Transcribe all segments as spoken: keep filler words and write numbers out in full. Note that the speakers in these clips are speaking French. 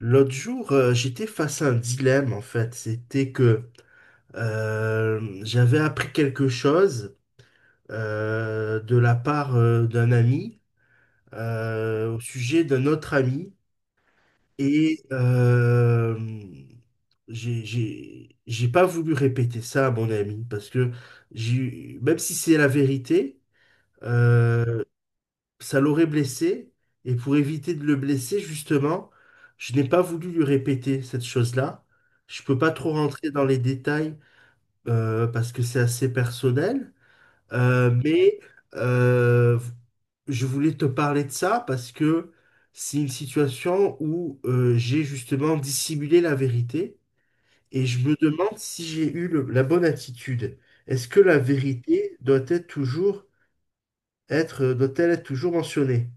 L'autre jour, euh, j'étais face à un dilemme en fait. C'était que euh, j'avais appris quelque chose euh, de la part euh, d'un ami euh, au sujet d'un autre ami. Et euh, j'ai j'ai- j'ai pas voulu répéter ça à mon ami parce que j'ai, même si c'est la vérité, euh, ça l'aurait blessé, et pour éviter de le blesser, justement, je n'ai pas voulu lui répéter cette chose-là. Je peux pas trop rentrer dans les détails euh, parce que c'est assez personnel. Euh, mais euh, je voulais te parler de ça parce que c'est une situation où euh, j'ai justement dissimulé la vérité, et je me demande si j'ai eu le- la bonne attitude. Est-ce que la vérité doit être toujours être, doit-elle être toujours mentionnée?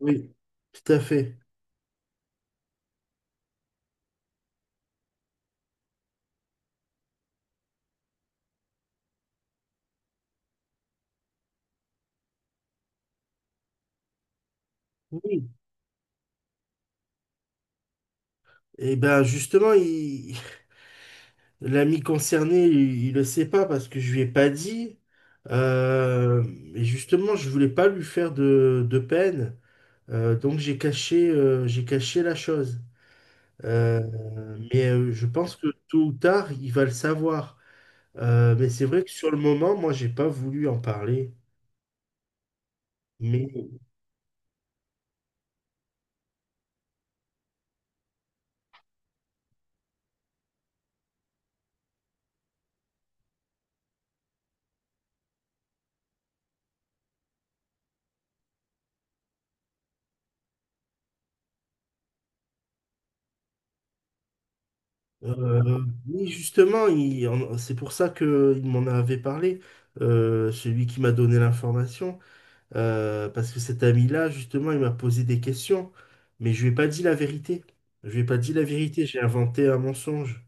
Oui, tout à fait. Oui. Et ben justement, il- l'ami concerné, il, il le sait pas parce que je lui ai pas dit. Euh, et justement, je voulais pas lui faire de, de peine. Euh, donc j'ai caché, euh, j'ai caché la chose. Euh, mais euh, je pense que tôt ou tard, il va le savoir. Euh, mais c'est vrai que sur le moment, moi, j'ai pas voulu en parler. Mais Euh, oui, justement, il en- c'est pour ça qu'il m'en avait parlé, euh, celui qui m'a donné l'information, euh, parce que cet ami-là, justement, il m'a posé des questions, mais je lui ai pas dit la vérité. Je lui ai pas dit la vérité, j'ai inventé un mensonge.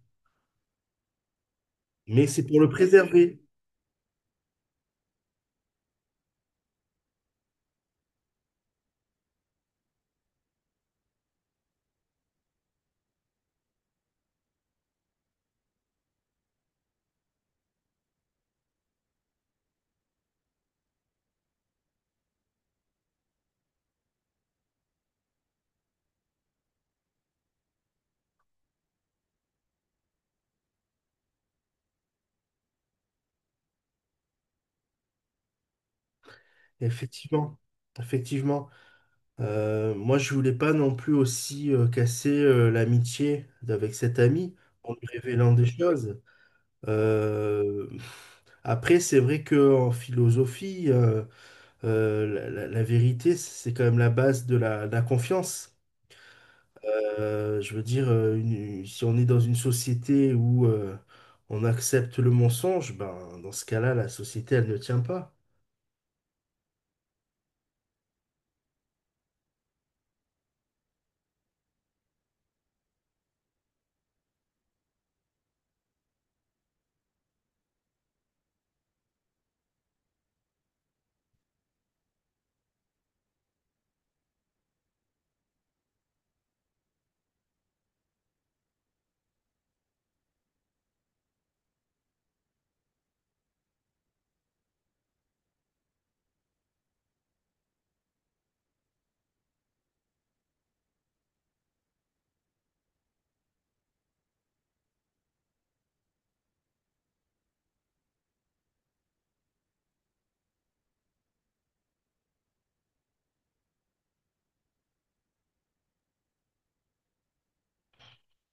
Mais c'est pour le préserver, effectivement. Effectivement. Euh, moi, je voulais pas non plus aussi euh, casser euh, l'amitié avec cet ami en lui révélant des choses. Euh, Après, c'est vrai que en philosophie, euh, euh, la, la- la vérité, c'est quand même la base de la, de la confiance. Euh, je veux dire, euh, une- si on est dans une société où euh, on accepte le mensonge, ben, dans ce cas-là, la société, elle ne tient pas.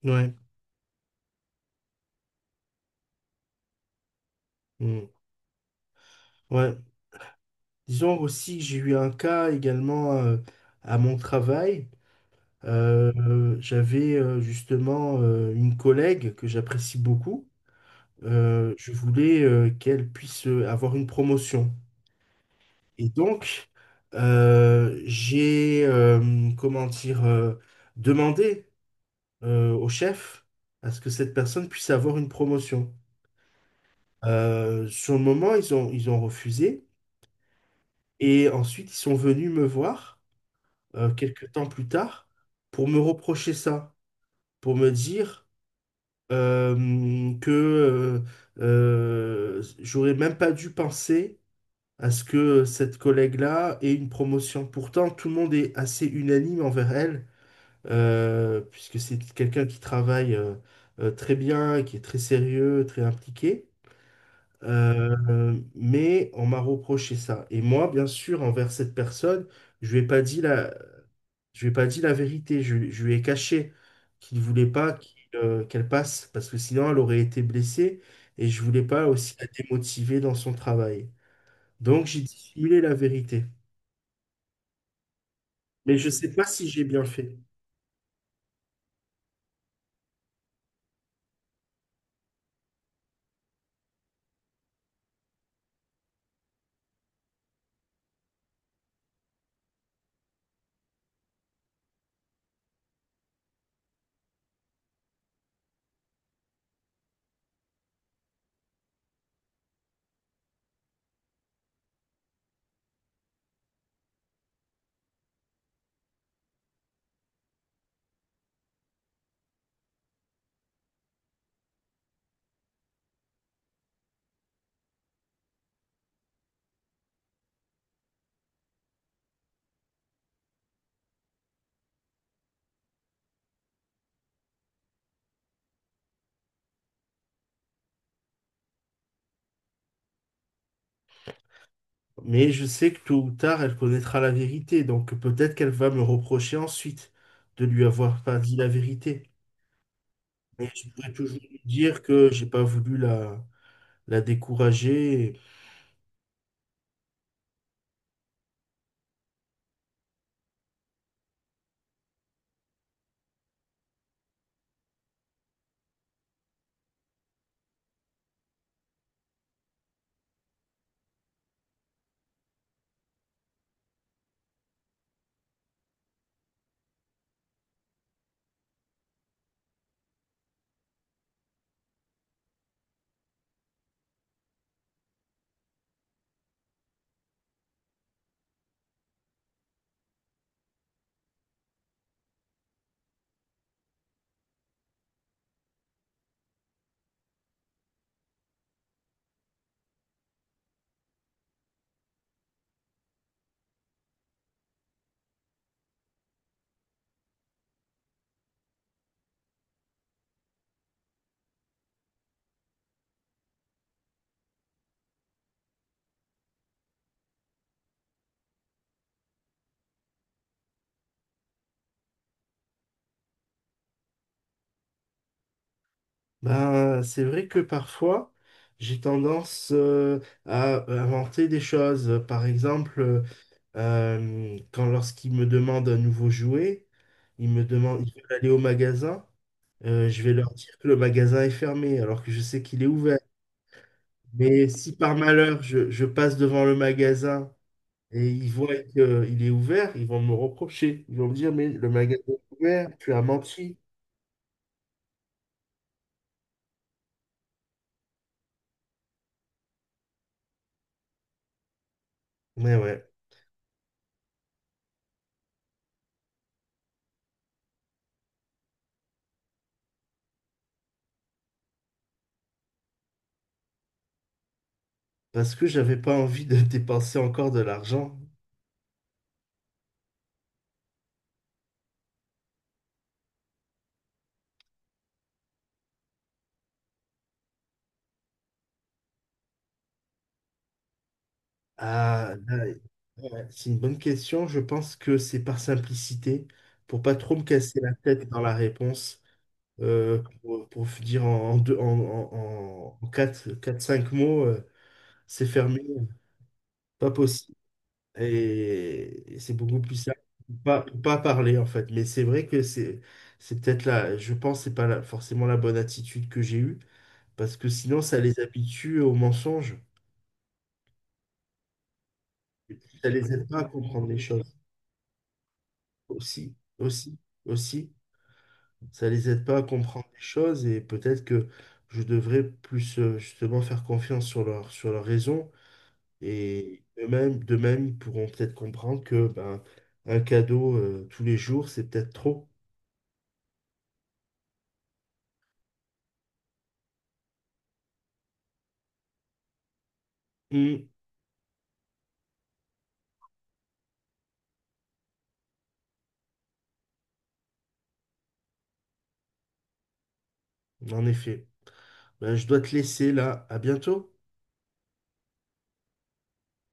Ouais. Mm. Ouais. Disons aussi que j'ai eu un cas également euh, à mon travail. Euh, euh, j'avais euh, justement euh, une collègue que j'apprécie beaucoup. Euh, je voulais euh, qu'elle puisse euh, avoir une promotion. Et donc, euh, j'ai, euh, comment dire, euh, demandé euh, au chef à ce que cette personne puisse avoir une promotion. Euh, sur le moment, ils ont, ils ont refusé. Et ensuite, ils sont venus me voir euh, quelques temps plus tard pour me reprocher ça, pour me dire euh, que euh, euh, j'aurais même pas dû penser à ce que cette collègue-là ait une promotion. Pourtant, tout le monde est assez unanime envers elle, euh, puisque c'est quelqu'un qui travaille euh, euh, très bien, qui est très sérieux, très impliqué. Euh, mais on m'a reproché ça. Et moi, bien sûr, envers cette personne, je lui ai pas dit la, je lui ai pas dit la vérité. Je, je lui ai caché qu'il ne voulait pas qu'il, euh, qu'elle passe, parce que sinon, elle aurait été blessée. Et je voulais pas aussi la démotiver dans son travail. Donc, j'ai dissimulé la vérité. Mais je sais pas si j'ai bien fait. Mais je sais que tôt ou tard, elle connaîtra la vérité. Donc peut-être qu'elle va me reprocher ensuite de lui avoir pas dit la vérité. Mais je pourrais toujours lui dire que j'ai pas voulu la, la décourager. Ben, c'est vrai que parfois, j'ai tendance euh, à inventer des choses. Par exemple, euh, quand lorsqu'il me demande un nouveau jouet, il me demande, il veut aller au magasin. Euh, je vais leur dire que le magasin est fermé alors que je sais qu'il est ouvert. Mais si par malheur je, je passe devant le magasin et ils voient qu'il est ouvert, ils vont me reprocher. Ils vont me dire, mais le magasin est ouvert, tu as menti. Mais ouais, parce que j'avais pas envie de dépenser encore de l'argent. Ah, là, ouais, c'est une bonne question. Je pense que c'est par simplicité, pour pas trop me casser la tête dans la réponse, euh, pour, pour dire en, en, deux- en, en, en quatre, cinq mots. euh, C'est fermé, pas possible. Et, c'est beaucoup plus simple. pour Pas, pour pas parler, en fait. Mais c'est vrai que c'est, c'est peut-être là, je pense, que c'est pas la- forcément la bonne attitude que j'ai eue, parce que sinon, ça les habitue au mensonge. Ça les aide pas à comprendre les choses. Aussi, aussi, aussi, ça les aide pas à comprendre les choses, et peut-être que je devrais plus, euh, justement, faire confiance sur leur, sur leur raison. Et eux-mêmes, de même, ils pourront peut-être comprendre que ben, un cadeau euh, tous les jours, c'est peut-être trop. Hum, en effet. Ben, je dois te laisser là. À bientôt.